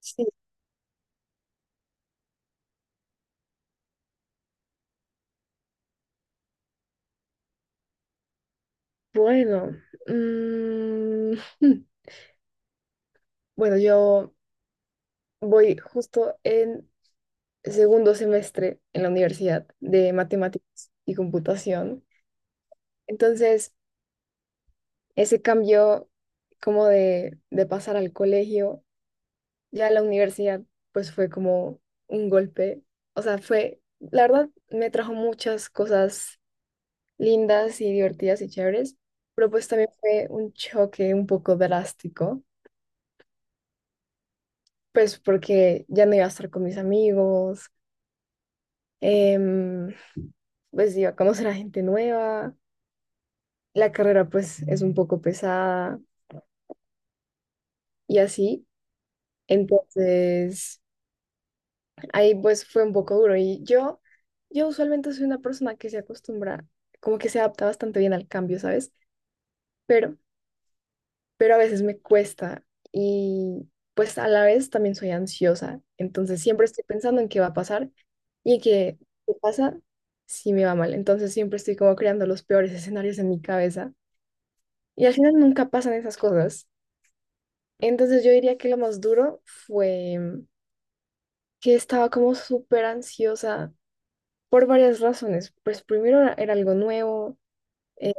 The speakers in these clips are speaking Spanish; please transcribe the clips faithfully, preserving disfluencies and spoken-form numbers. Sí, bueno. mm, bueno, yo voy justo en segundo semestre en la universidad de matemáticas y computación. Entonces, ese cambio como de, de pasar al colegio, ya a la universidad, pues fue como un golpe. O sea, fue, la verdad, me trajo muchas cosas lindas y divertidas y chéveres, pero pues también fue un choque un poco drástico pues porque ya no iba a estar con mis amigos, em, pues iba a conocer a gente nueva, la carrera pues es un poco pesada y así. Entonces, ahí pues fue un poco duro y yo, yo usualmente soy una persona que se acostumbra, como que se adapta bastante bien al cambio, ¿sabes? Pero pero a veces me cuesta y pues a la vez también soy ansiosa, entonces siempre estoy pensando en qué va a pasar y que qué pasa si me va mal, entonces siempre estoy como creando los peores escenarios en mi cabeza y al final nunca pasan esas cosas. Entonces yo diría que lo más duro fue que estaba como súper ansiosa por varias razones, pues primero era era algo nuevo. Eh,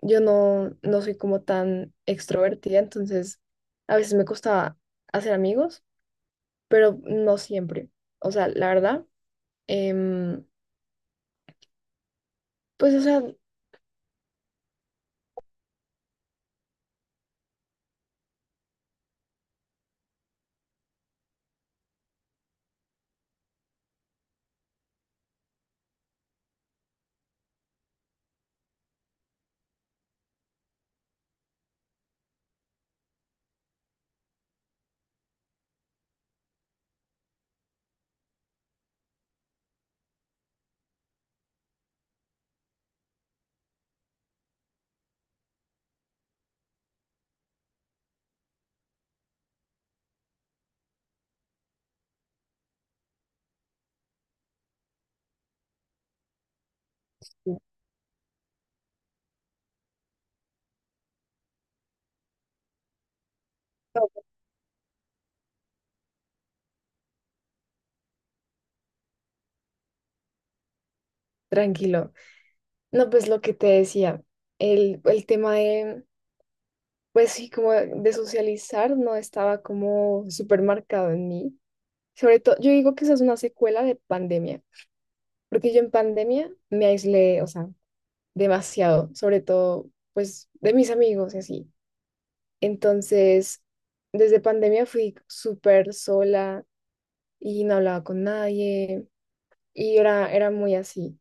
yo no, no soy como tan extrovertida, entonces a veces me costaba hacer amigos, pero no siempre. O sea, la verdad, em, pues, o sea, no, tranquilo. No, pues lo que te decía, el, el tema de, pues sí, como de socializar no estaba como súper marcado en mí. Sobre todo, yo digo que esa es una secuela de pandemia, porque yo en pandemia me aislé, o sea, demasiado, sobre todo pues de mis amigos y así. Entonces, desde pandemia fui súper sola y no hablaba con nadie y era, era muy así.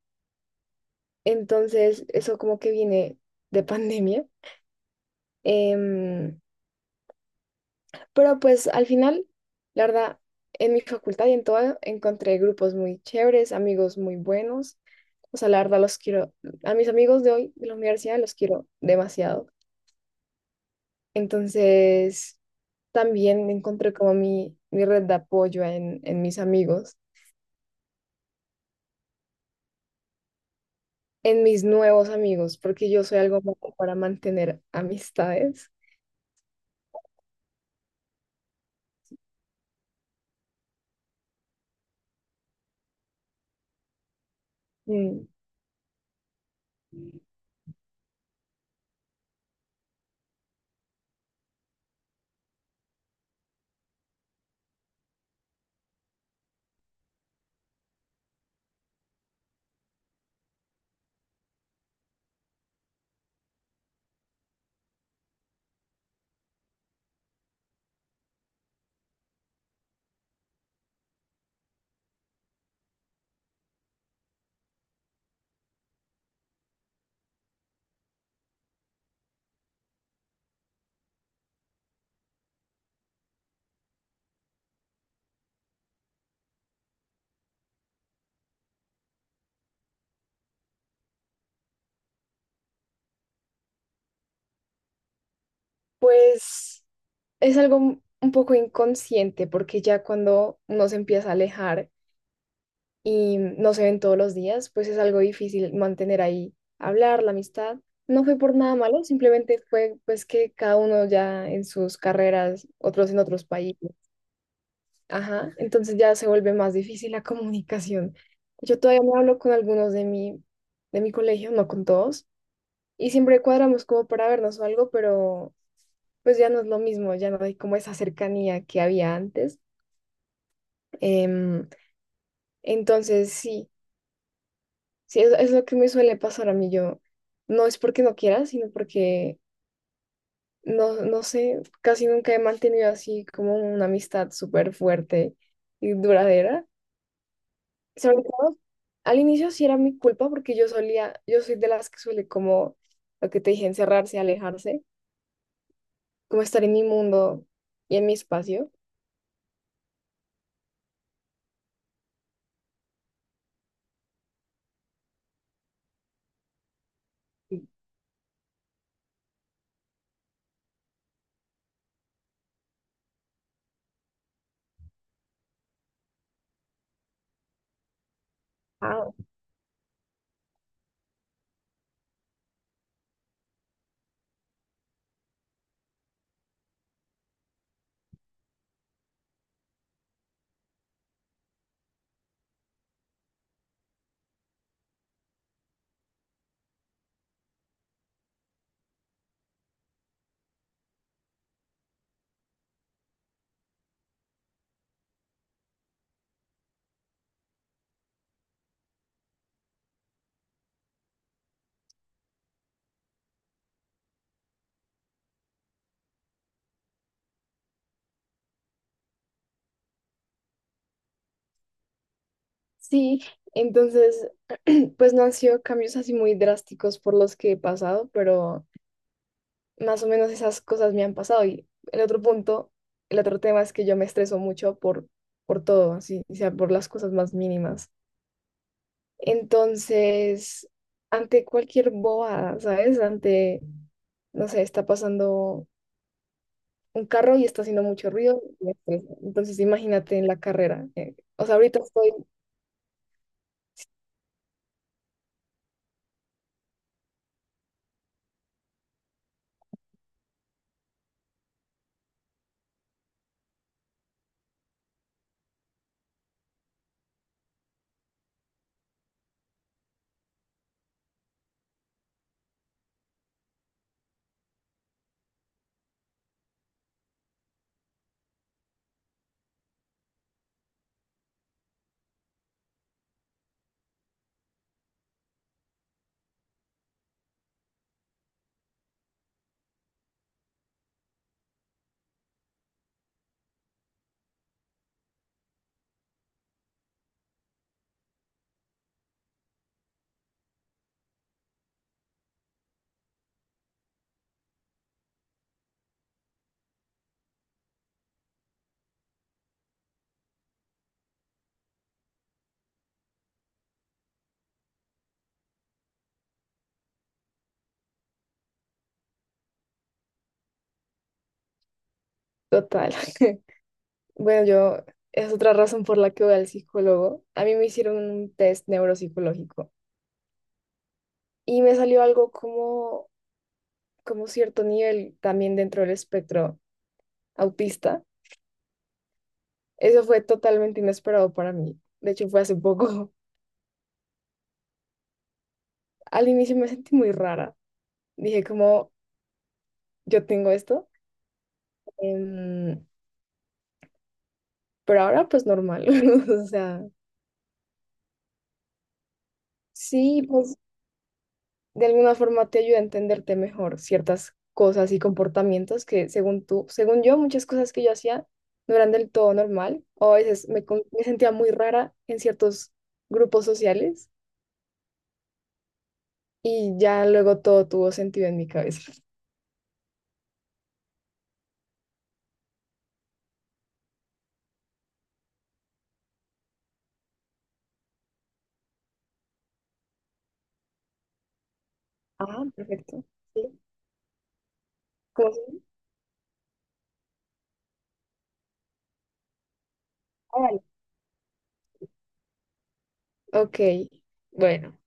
Entonces, eso como que viene de pandemia. Em, pero pues al final, la verdad, en mi facultad y en todo encontré grupos muy chéveres, amigos muy buenos. O sea, la verdad los quiero, a mis amigos de hoy, de la universidad, los quiero demasiado. Entonces, también encontré como mi, mi red de apoyo en, en mis amigos, en mis nuevos amigos, porque yo soy algo como para mantener amistades. Mm, pues es algo un un poco inconsciente, porque ya cuando uno se empieza a alejar y no se ven todos los días, pues es algo difícil mantener ahí, hablar, la amistad. No fue por nada malo, simplemente fue pues que cada uno ya en sus carreras, otros en otros países. Ajá, entonces ya se vuelve más difícil la comunicación. Yo todavía me hablo con algunos de mi, de mi colegio, no con todos, y siempre cuadramos como para vernos o algo, pero pues ya no es lo mismo, ya no hay como esa cercanía que había antes. Em, entonces sí, sí, es, es lo que me suele pasar a mí. Yo no es porque no quiera, sino porque no, no sé, casi nunca he mantenido así como una amistad súper fuerte y duradera. Sobre todo al inicio sí era mi culpa porque yo solía, yo soy de las que suele como, lo que te dije, encerrarse, alejarse, como estar en mi mundo y en mi espacio. Wow. Sí, entonces, pues no han sido cambios así muy drásticos por los que he pasado, pero más o menos esas cosas me han pasado. Y el otro punto, el otro tema es que yo me estreso mucho por, por todo, así, o sea, por las cosas más mínimas. Entonces, ante cualquier bobada, ¿sabes? Ante, no sé, está pasando un carro y está haciendo mucho ruido y me estresa. Entonces, imagínate en la carrera. Eh, o sea, ahorita estoy total. Bueno, yo es otra razón por la que voy al psicólogo. A mí me hicieron un test neuropsicológico y me salió algo como, como cierto nivel también dentro del espectro autista. Eso fue totalmente inesperado para mí. De hecho, fue hace poco. Al inicio me sentí muy rara. Dije como, yo tengo esto. em, pero ahora pues normal. O sea, sí, pues de alguna forma te ayuda a entenderte mejor ciertas cosas y comportamientos que según tú, según yo, muchas cosas que yo hacía no eran del todo normal o a veces me, con- me sentía muy rara en ciertos grupos sociales y ya luego todo tuvo sentido en mi cabeza. Ah, perfecto. Sí. ¿Cómo se llama? Ah, vale. Ok, bueno.